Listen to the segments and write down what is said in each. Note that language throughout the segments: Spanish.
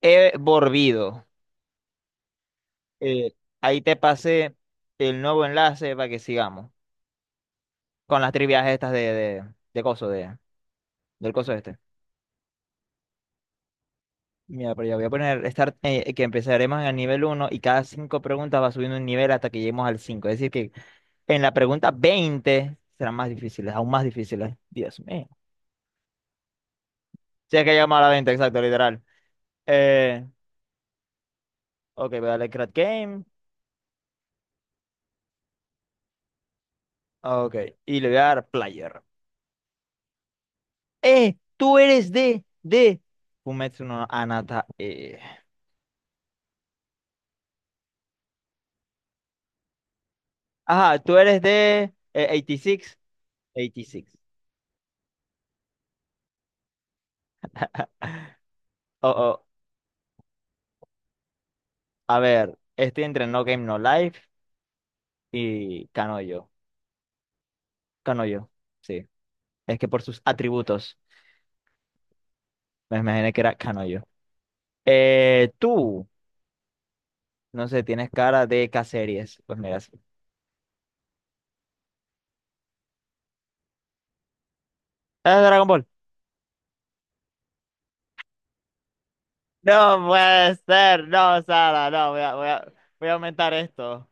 He volvido. Eh, ahí te pasé el nuevo enlace para que sigamos con las trivias estas de coso, de, del coso este. Mira, pero ya voy a poner start, que empezaremos en el nivel uno y cada 5 preguntas va subiendo un nivel hasta que lleguemos al cinco. Es decir, que en la pregunta 20 serán más difíciles, aún más difíciles. Dios mío. Si es que llegamos a la veinte, exacto, literal. Eh, ok, voy a darle Create Game. Ok, y le voy a dar Player. Tú eres de Fumetsu no Anata. Ajá, tú eres de 86. 86. Oh, oh. A ver, estoy entre No Game No Life y Kanoyo. Kanoyo, sí. Es que por sus atributos me imaginé que era Kanoyo. Tú, no sé, tienes cara de K-series. Pues mira, sí. ¡Es Dragon Ball! No puede ser, no, Sara, no, voy a aumentar esto.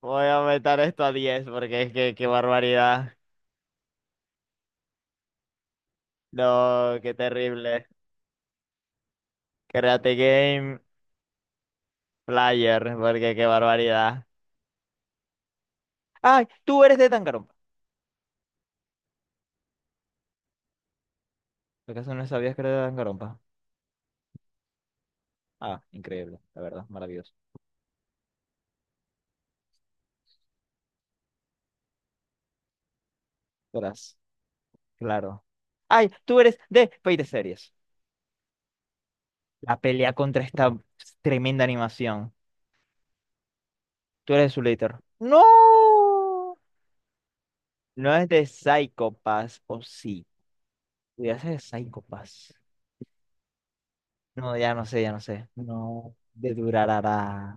Voy a aumentar esto a 10, porque es que, qué barbaridad. No, qué terrible. Karate Game Player, porque qué barbaridad. ¡Ay! Tú eres de Danganronpa. ¿Acaso no sabías que era de Danganronpa? Ah, increíble, la verdad, maravilloso. Verás, claro. ¡Ay! Tú eres de Fate Series. La pelea contra esta tremenda animación. Tú eres de Zulator. ¡No! No es de Psycho Pass, o sí. Pudiera ser de Psycho Pass. No, ya no sé, ya no sé. No, de Durarara.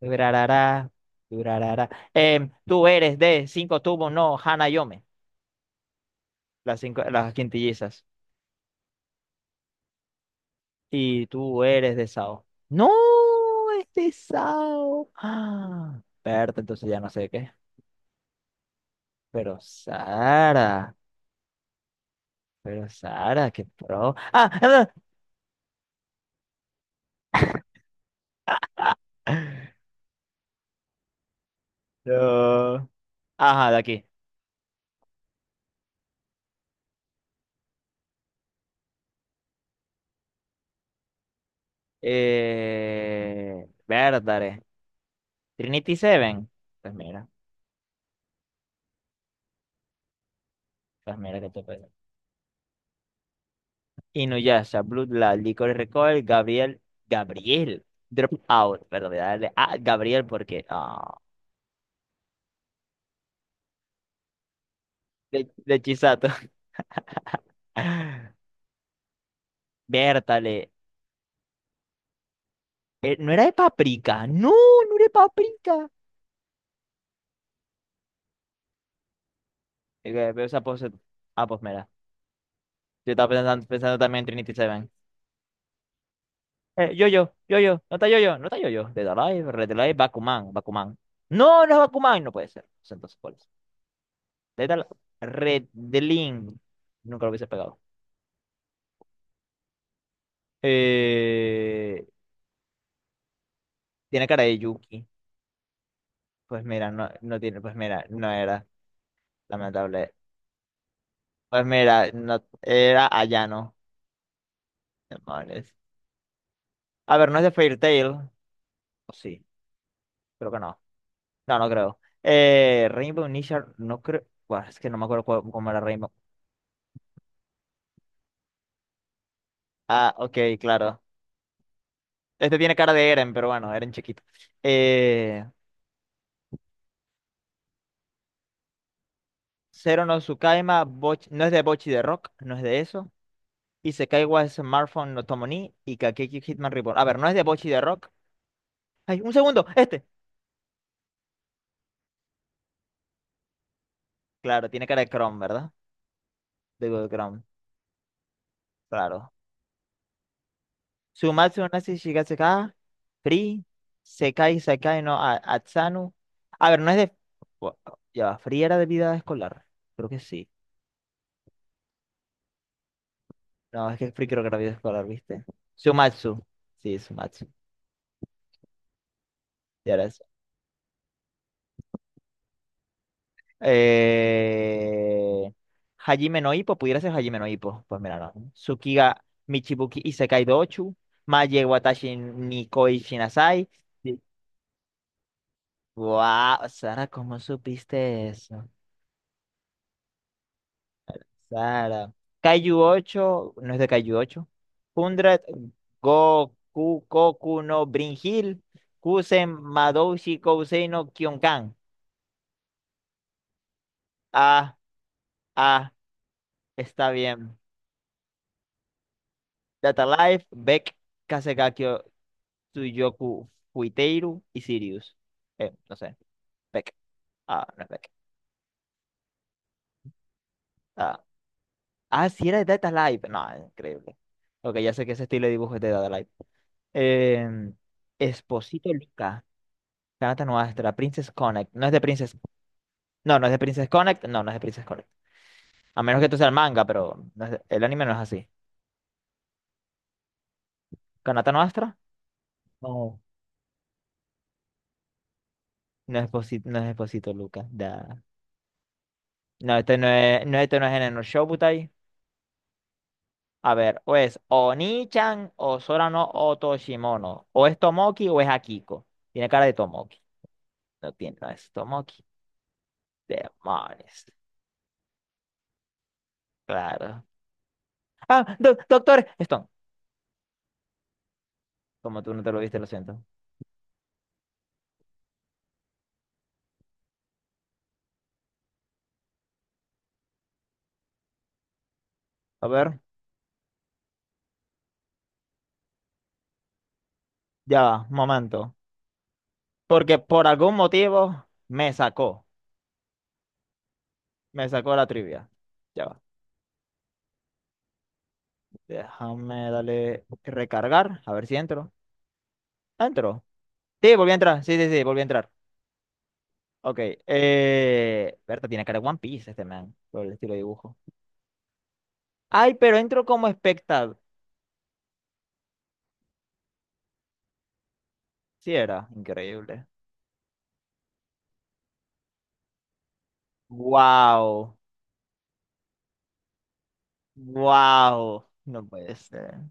Durarará, durarará. Tú eres de cinco tubos, no, Hana Yome, las, cinco, las quintillizas. Y tú eres de Sao. No, es de Sao. Ah, Berta, entonces ya no sé qué. Pero Sara, pero Sara, qué pro. Ah, ah, no. Ajá, de aquí. Bertare. Trinity Seven. Pues mira, pues mira que te Inuyasha, Bloodline, Licorice Recoil, Gabriel, Gabriel, Dropout, perdón, voy a darle a Gabriel porque, ah, de Chisato. Vértale, no era de paprika, no, no era de paprika. Veo esa pose, ah, pues mira, yo estaba pensando, pensando también en Trinity Seven. No está no está yo-yo, Dead Alive, Red Alive, Bakuman, Bakuman. No, no es Bakuman, no puede ser. Pues entonces, ¿cuál es? Dead Alive, Red Link, nunca lo hubiese pegado. Eh, Tiene cara de Yuki. Pues mira, no, no tiene, pues mira, no era, lamentable. Pues mira, no era Ayano. Demonios. A ver, no es de Fairy Tail. O sí, creo que no. No, no creo. Rainbow Nishar, no creo. Buah, es que no me acuerdo cómo era Rainbow. Ah, ok, claro. Este tiene cara de Eren, pero bueno, Eren chiquito. Eh, Zero no Tsukaima, no es de Bochi de Rock, no es de eso. Y Sekaiwa Smartphone no Tomo ni y Kakeki Hitman Reborn. A ver, no es de Bochi de Rock. Ay, un segundo, este. Claro, tiene cara de Chrome, ¿verdad? De Google Chrome, claro. Sumatsu Nasi Shigatsuka, Free, Sekai Sakai no Atsanu. A ver, no es de. bu- Ya va, Free era de vida escolar. Creo que sí. No, es que Free creo que era vida escolar, ¿viste? Sumatsu. Sí, Sumatsu. Ya era eso. Eh... Hajime no Ippo, pudiera ser Hajime no Ippo. Pues mira, no. Tsukiga Michibuki Isekai Dochu, Maye Watashi Nikoi Shinasai. Wow, Sara, ¿cómo supiste eso? Sara. Kaiju ocho no es de Kaiju ocho hundred Goku, Koku no Brin Hill, Kusen, Madoushi, Kousei no Kyonkan. Ah, ah, está bien. Data Life, Beck, Kasegaki, Tsuyoku, Fuiteiru y Sirius. No sé, Beck. Ah, no es Beck. Ah, ah, sí era de Data Life. No, increíble. Ok, ya sé que ese estilo de dibujo es de Data Life. Eh, Esposito Lica, Kanata Nuestra, Princess Connect. No es de Princess. No, no es de Princess Connect. No, no es de Princess Connect. A menos que tú seas el manga, pero no es el anime no es así. Kanata Nuestra. No. No es Esposito, no es Esposito Lica. Da. No, este no es, no, este no es en el Shobutai. A ver, o es Oni-chan, o Sora no Otoshimono. O es Tomoki o es Akiko. Tiene cara de Tomoki. No tiene, no es Tomoki. Demonios. Claro. Ah, doctor Stone. Como tú no te lo viste, lo siento. A ver, ya va, un momento. Porque por algún motivo me sacó. Me sacó la trivia. Ya va. Déjame darle recargar. A ver si entro. Entro. Sí, volví a entrar. Sí, sí, sí, volví a entrar. Ok. Berta tiene cara de One Piece este man. Por el estilo de dibujo. Ay, pero entro como espectador. Sí, era increíble. Wow. Wow. No puede ser.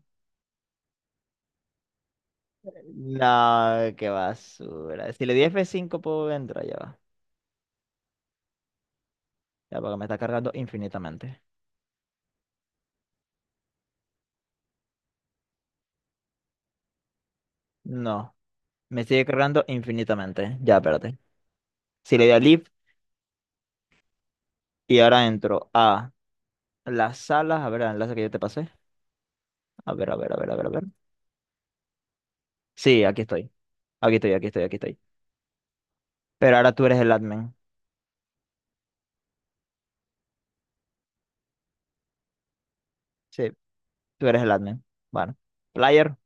No, qué basura. Si le di F5 puedo entrar, ya va. Ya, porque me está cargando infinitamente. No, me sigue cargando infinitamente. Ya, espérate. Si le doy a Leave y ahora entro a las salas, a ver el enlace que yo te pasé. A ver, a ver, a ver, a ver, a ver. Sí, aquí estoy. Aquí estoy, aquí estoy, aquí estoy. Pero ahora tú eres el admin. Sí, tú eres el admin. Bueno, player.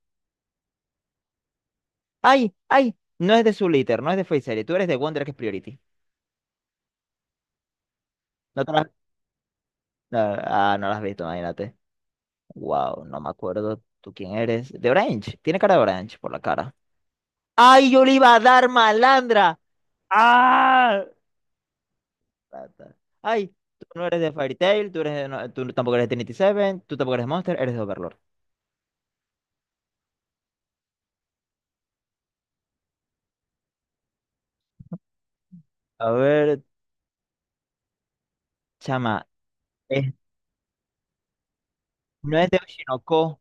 ¡Ay! ¡Ay! No es de su liter, no es de Facery. Tú eres de Wonder, que es Priority. No te la- no, ah, no lo has visto, imagínate. Wow, no me acuerdo tú quién eres. De Orange. Tiene cara de Orange por la cara. Ay, yo le iba a dar malandra. Ah. Ay, tú no eres de Fairy Tail, tú eres de, no- tú tampoco eres de Trinity Seven, tú tampoco eres de Monster, eres de Overlord. A ver, chama, es- no es de Oshinoko.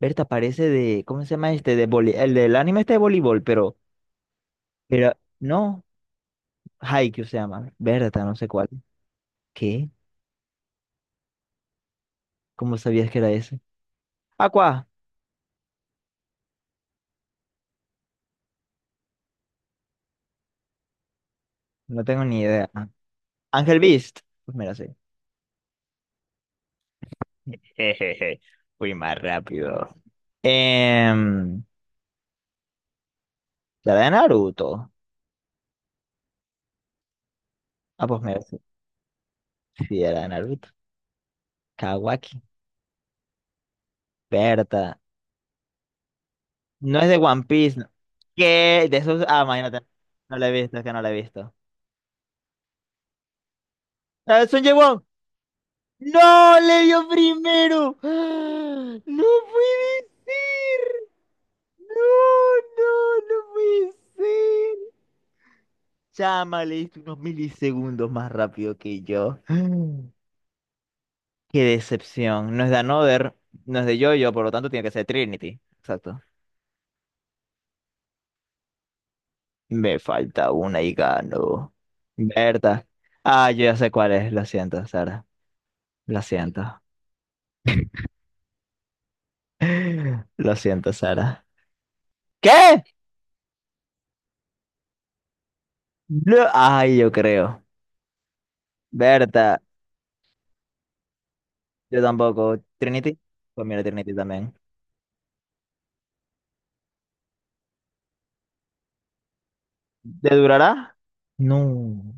Berta parece de, ¿cómo se llama este? De el del anime este de voleibol, pero no, Haikyuu se llama. Berta, no sé cuál. ¿Qué? ¿Cómo sabías que era ese? Aqua, no tengo ni idea. Ángel Beast, pues mira, sí. Jejeje, fui más rápido. Eh, ¿Ya era de Naruto? Ah, pues me sí, era de Naruto. Kawaki. Berta. No es de One Piece. No. ¿Qué? De esos. Ah, imagínate. No lo he visto, es que no lo he visto. ¡Ah, ¡es un Jaewon! ¡No! ¡Le dio primero! ¡Ah! ¡No puede ser! ¡No, no, no puede ser! Chama, le diste unos milisegundos más rápido que yo. ¡Ah! ¡Qué decepción! No es de Another, no es de Jojo, por lo tanto tiene que ser Trinity. Exacto. Me falta una y gano. ¿Verdad? Ah, yo ya sé cuál es. Lo siento, Sara. Lo siento. Lo siento, Sara. ¿Qué? Ay, yo creo. ¿Verdad? Yo tampoco. ¿Trinity? Pues mira, Trinity también. ¿Te durará? No.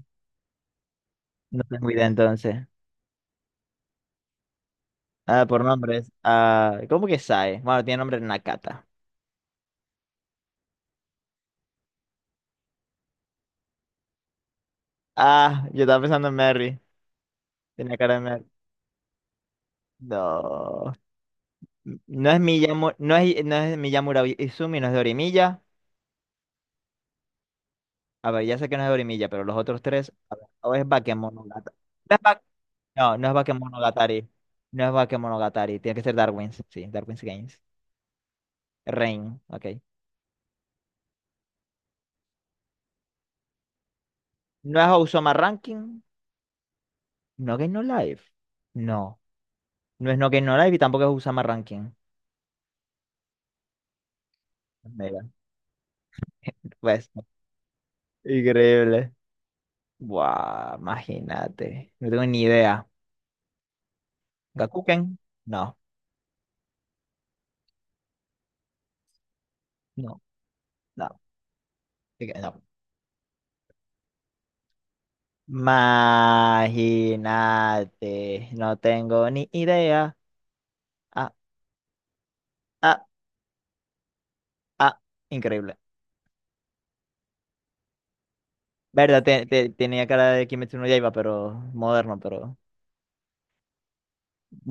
No tengo idea entonces. Ah, por nombres. Ah, ¿cómo que Sae? Bueno, tiene nombre Nakata. Ah, yo estaba pensando en Mary. Tenía cara de Mary. No. No es Miyamu, no es, no es Miyamura Izumi, no es Dorimiya. A ver, ya sé que no es Dorimiya, pero los otros tres, a ver, o es Bakemonogatari. No, es no, no es Bakemonogatari. No es Bakemonogatari. Tiene que ser Darwin's. Sí, Darwin's Games. Rain, ok. No es Osama Ranking. No Game No Life. No. No es No Game No Life y tampoco es Osama Ranking. Mira, pues. Increíble. Buah, imagínate. No tengo ni idea. ¿Gakuken? No, no, no. Ok, no. Imagínate, no tengo ni idea. Ah, ah, ah, increíble. Verdad, tenía cara de Kimetsu no Yaiba, pero moderno, pero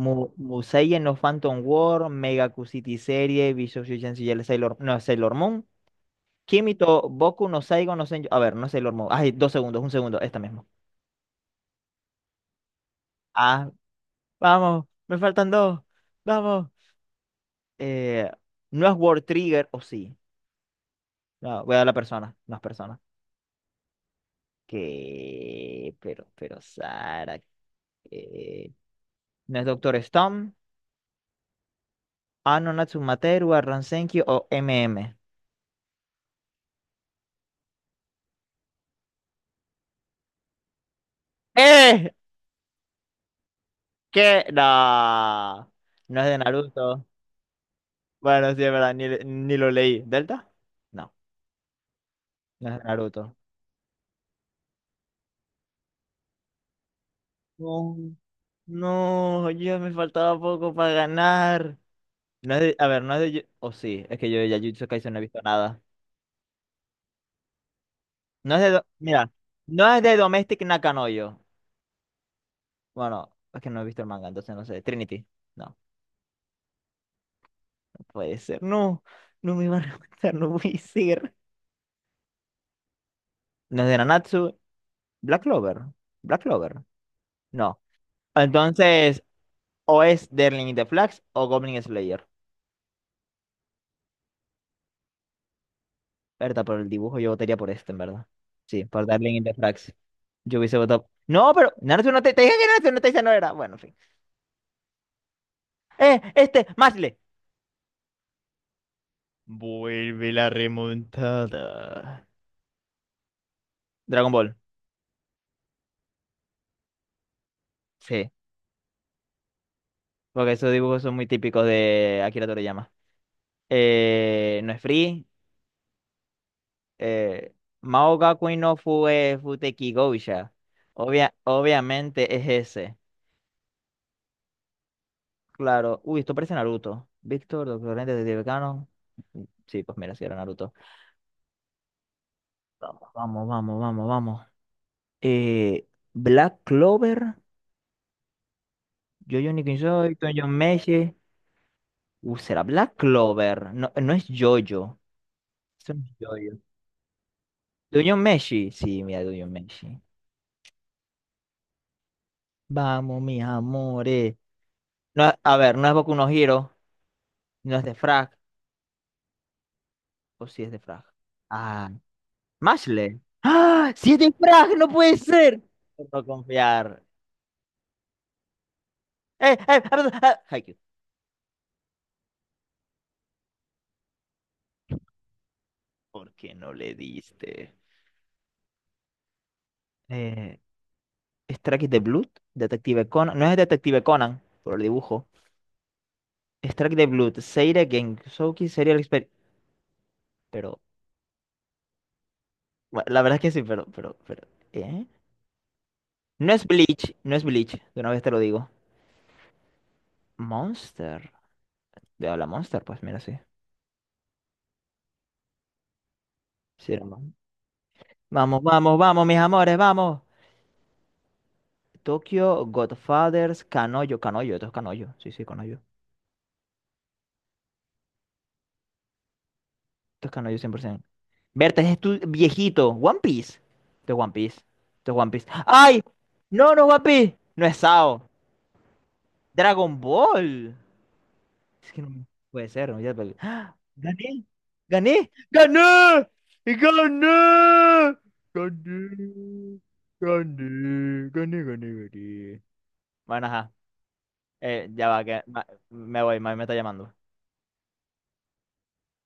Mu Musei no Phantom War, Mega City Serie, Visual Shusen Sailor, no, Sailor Moon, Kimito, Boku no Saigo no Senju, a ver, no es Sailor Moon. Ay, dos segundos, un segundo, esta misma. Ah, vamos, me faltan dos, vamos. Eh, no es World Trigger, o sí. No, voy a la persona, no es persona. Que, pero, Sara, que... ¿No es Doctor Stone? Ano Natsumateru, Arran Senkyu o M M. ¡Eh! ¿Qué? No. No es de Naruto. Bueno, sí, es verdad, ni lo leí. ¿Delta? No, no es de Naruto. No, no, ya me faltaba poco para ganar. No es de, a ver, no es de... O sí, es que yo de Jujutsu Kaisen no he visto nada. No es de... Mira, no es de Domestic Nakanoyo. Bueno, es que no he visto el manga, entonces no sé. Trinity. No, no puede ser. No, no me van a matar, no voy a ser. No es de Nanatsu. Black Clover. Black Clover. No. Entonces, o es Darling in the Flags o Goblin Slayer. Verdad, por el dibujo yo votaría por este, en verdad. Sí, por Darling in the Flags. Yo hubiese votado. No, pero Naruto no te dije que Naruto no te dice no era. Bueno, en fin. Mashle. Vuelve la remontada. Dragon Ball. Sí. Porque esos dibujos son muy típicos de Akira Toriyama. No es free. Eh, Mao Gakui no Fue Futeki Gousha. Obvia, obviamente es ese. Claro. Uy, esto parece Naruto. Víctor, Doctor Lente, Detective Canon. Sí, pues mira, si era Naruto. Vamos, vamos, vamos, vamos, vamos. Eh, Black Clover. Jojo Nikinsoi, Tonjon Meshi. Será Black Clover. No, no es Jojo. Eso no es Jojo. Dungeon Meshi. Sí, mira, Dungeon Meshi. Vamos, mis amores. No, a ver, no es Boku no Hero, no es de Frag, o si es de Frag. Ah, Mashle. ¡Ah! ¡Sí es de Frag! ¡No puede ser! No confiar. ¡Eh, eh! ah, ah, ah, Haikyuu. ¿Por qué no le diste? Eh, Strike the Blood, Detective Conan. No es Detective Conan, por el dibujo. Strike the Blood, Seire Gensouki Serial Expert. Pero, bueno, la verdad es que sí, pero, pero. ¿Eh? No es Bleach, no es Bleach, de una vez te lo digo. Monster. De a la Monster, pues mira, sí. Sí, era más. Vamos, vamos, vamos, mis amores, vamos. Tokyo, Godfathers, Canoyo, Canoyo, esto es Canoyo. Sí, sí, Canoyo. Esto es Canoyo 100%. Berta, es tu viejito. One Piece. Esto es One Piece. Esto es One Piece. ¡Ay! No, no, es One Piece. No es Sao. Dragon Ball. Es que no puede ser. No, ya- pues. ¡Ah! ¡Gané! ¡Gané! ¡Gané! ¡Gané! ¡Gané! Gané, gané, gané, gané. Bueno, ajá. Ya va, que me voy, mami me está llamando.